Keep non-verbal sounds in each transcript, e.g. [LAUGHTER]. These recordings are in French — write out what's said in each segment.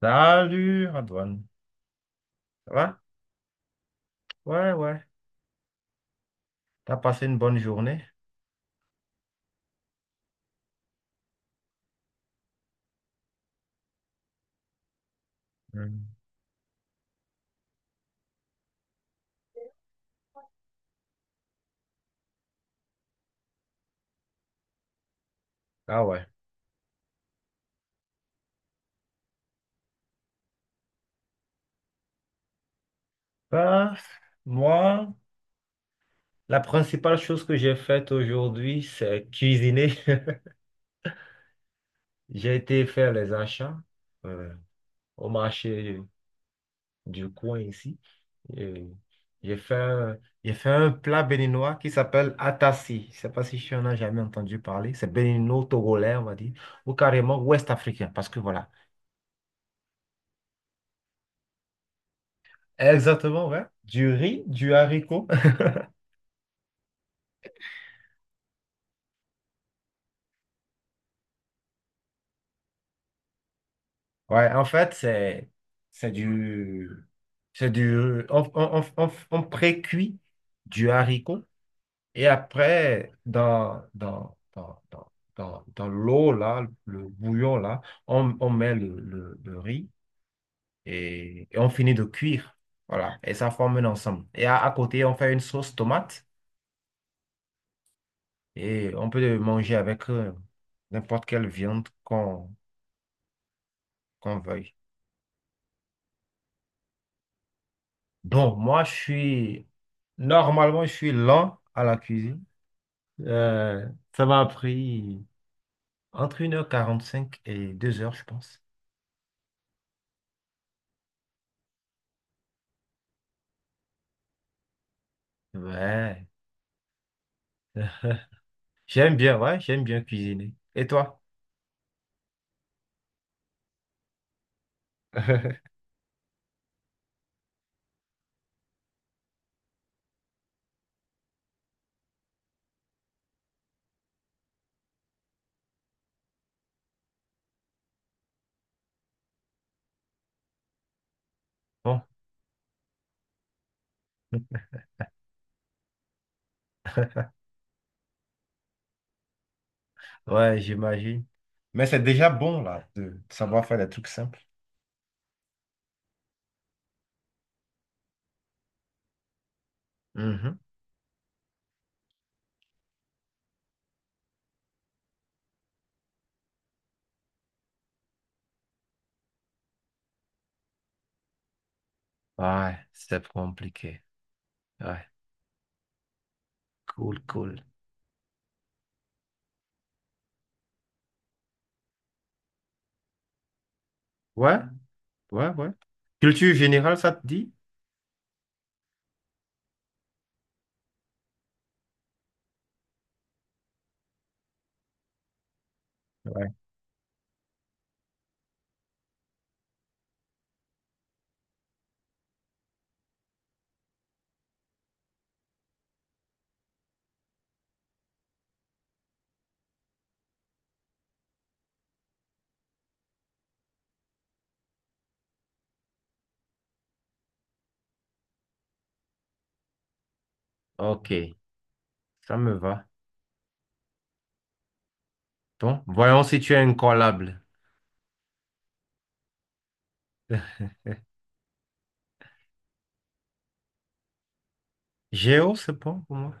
Salut, Antoine. Ça va? Ouais, ouais. T'as passé une bonne journée? Hmm. Ah ouais. Bah, moi, la principale chose que j'ai faite aujourd'hui, c'est cuisiner. [LAUGHS] J'ai été faire les achats euh, au marché du coin ici. Et j'ai fait un plat béninois qui s'appelle atassi. Je sais pas si tu en as jamais entendu parler. C'est bénino-togolais, on va dire, ou carrément ouest-africain, parce que voilà. Exactement, ouais. Du riz, du haricot. Ouais, en fait, c'est du c'est du on pré-cuit du haricot et après dans l'eau là, le bouillon là, on met le riz et, on finit de cuire. Voilà, et ça forme un ensemble. Et à côté, on fait une sauce tomate et on peut le manger avec n'importe quelle viande qu'on veuille. Bon, moi, normalement, je suis lent à la cuisine. Euh, Ça m'a pris entre 1h45 et 2 heures, je pense. Ouais. [LAUGHS] J'aime bien, ouais, j'aime bien cuisiner. Et toi? [LAUGHS] Bon, ouais, j'imagine. Mais c'est déjà bon, là, de savoir faire des trucs simples. Mhm. Ouais, c'est pas compliqué. Ouais, cool, cool. Ouais, ouais, ouais. Culture générale, ça te dit? Ouais. Ok, ça me va. Bon, voyons si tu es incollable. [LAUGHS] Géo, c'est bon pour moi.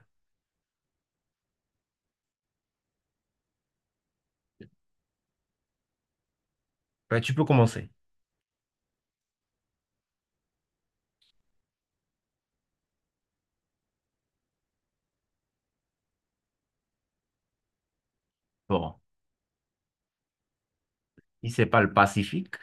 Ben, tu peux commencer. Bon, si c'est pas le Pacifique.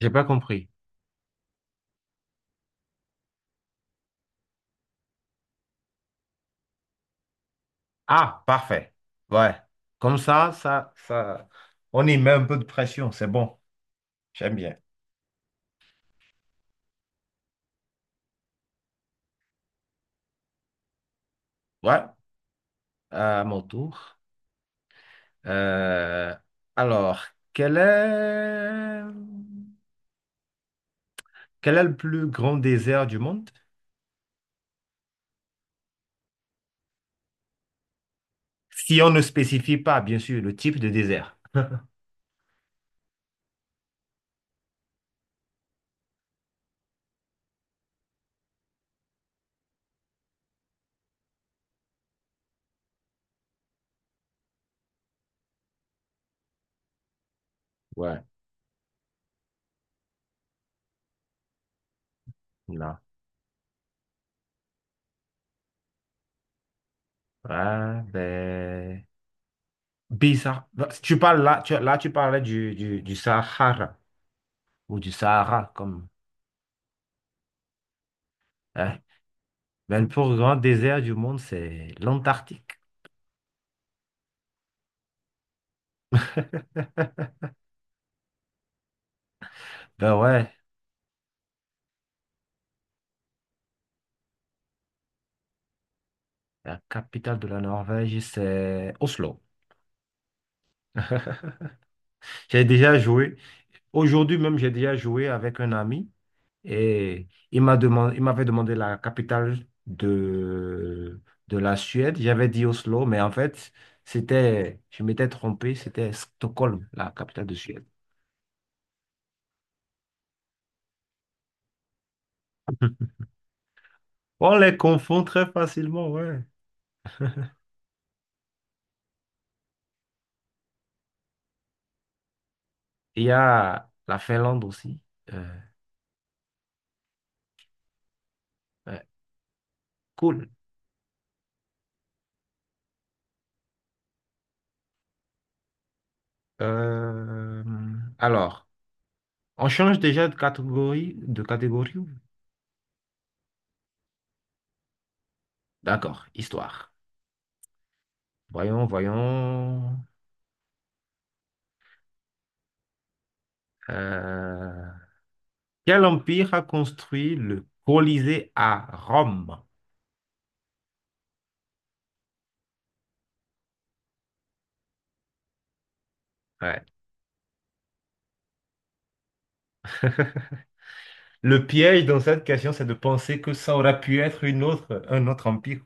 J'ai pas compris. Ah, parfait. Ouais. Comme ça, on y met un peu de pression, c'est bon. J'aime bien. Ouais, à mon tour. Euh, alors, quel est, quel est le plus grand désert du monde? Si on ne spécifie pas, bien sûr, le type de désert. Ouais. Là. Ouais, ben. Bizarre. Bah, si Tu parles là, tu parlais du Sahara ou du Sahara comme, hein. Mais le plus grand désert du monde, c'est l'Antarctique. [LAUGHS] Ben ouais, la capitale de la Norvège, c'est Oslo. [LAUGHS] J'ai déjà joué. Aujourd'hui même, j'ai déjà joué avec un ami et il m'avait demandé la capitale de, de la Suède. J'avais dit Oslo, mais en fait, je m'étais trompé, c'était Stockholm, la capitale de Suède. On les confond très facilement, ouais. Il y a la Finlande aussi. Euh, ouais, cool. Euh, alors, on change déjà de catégorie, D'accord, histoire. Voyons, voyons. Euh, Quel empire a construit le Colisée à Rome? Ouais. [LAUGHS] Le piège dans cette question, c'est de penser que ça aurait pu être un autre empire.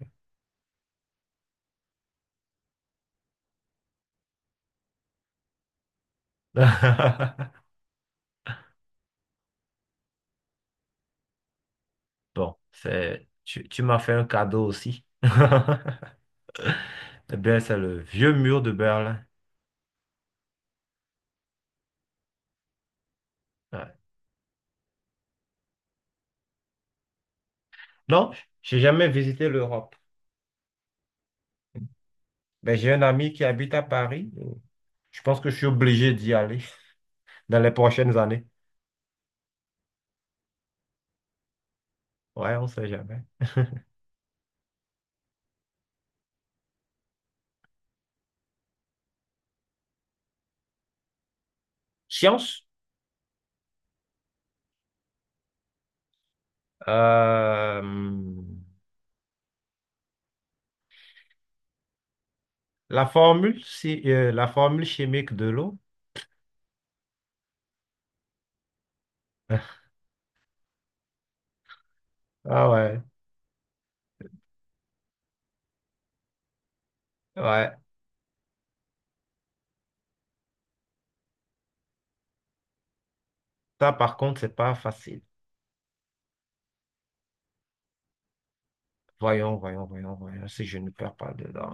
[LAUGHS] Bon, tu m'as fait un cadeau aussi. [LAUGHS] Eh bien, c'est le vieux mur de Berlin. Ouais. Non, j'ai jamais visité l'Europe. Mais j'ai un ami qui habite à Paris. Je pense que je suis obligé d'y aller [LAUGHS] dans les prochaines années. Ouais, on sait jamais. Science. Euh, la formule, si- La formule chimique de l'eau. [LAUGHS] Ah ouais, ouais. Ça, par contre, c'est pas facile. Voyons, voyons, voyons, voyons, si je ne perds pas dedans.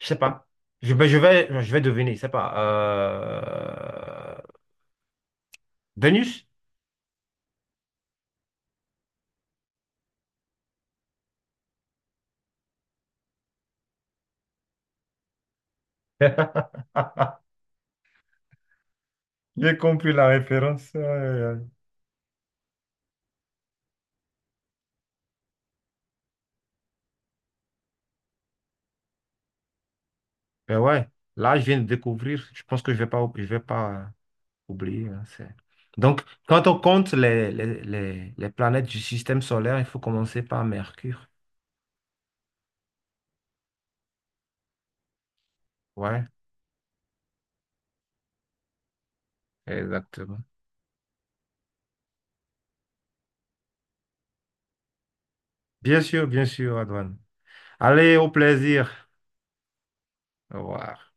Je sais pas. Ben, je vais deviner, je sais pas. Vénus? [LAUGHS] J'ai compris la référence. Aïe, aïe, aïe. Ben ouais, là, je viens de découvrir. Je pense que je vais pas oublier, hein. Donc, quand on compte les planètes du système solaire, il faut commencer par Mercure. Ouais, exactement. Bien sûr, Adouane. Allez, au plaisir. Au revoir.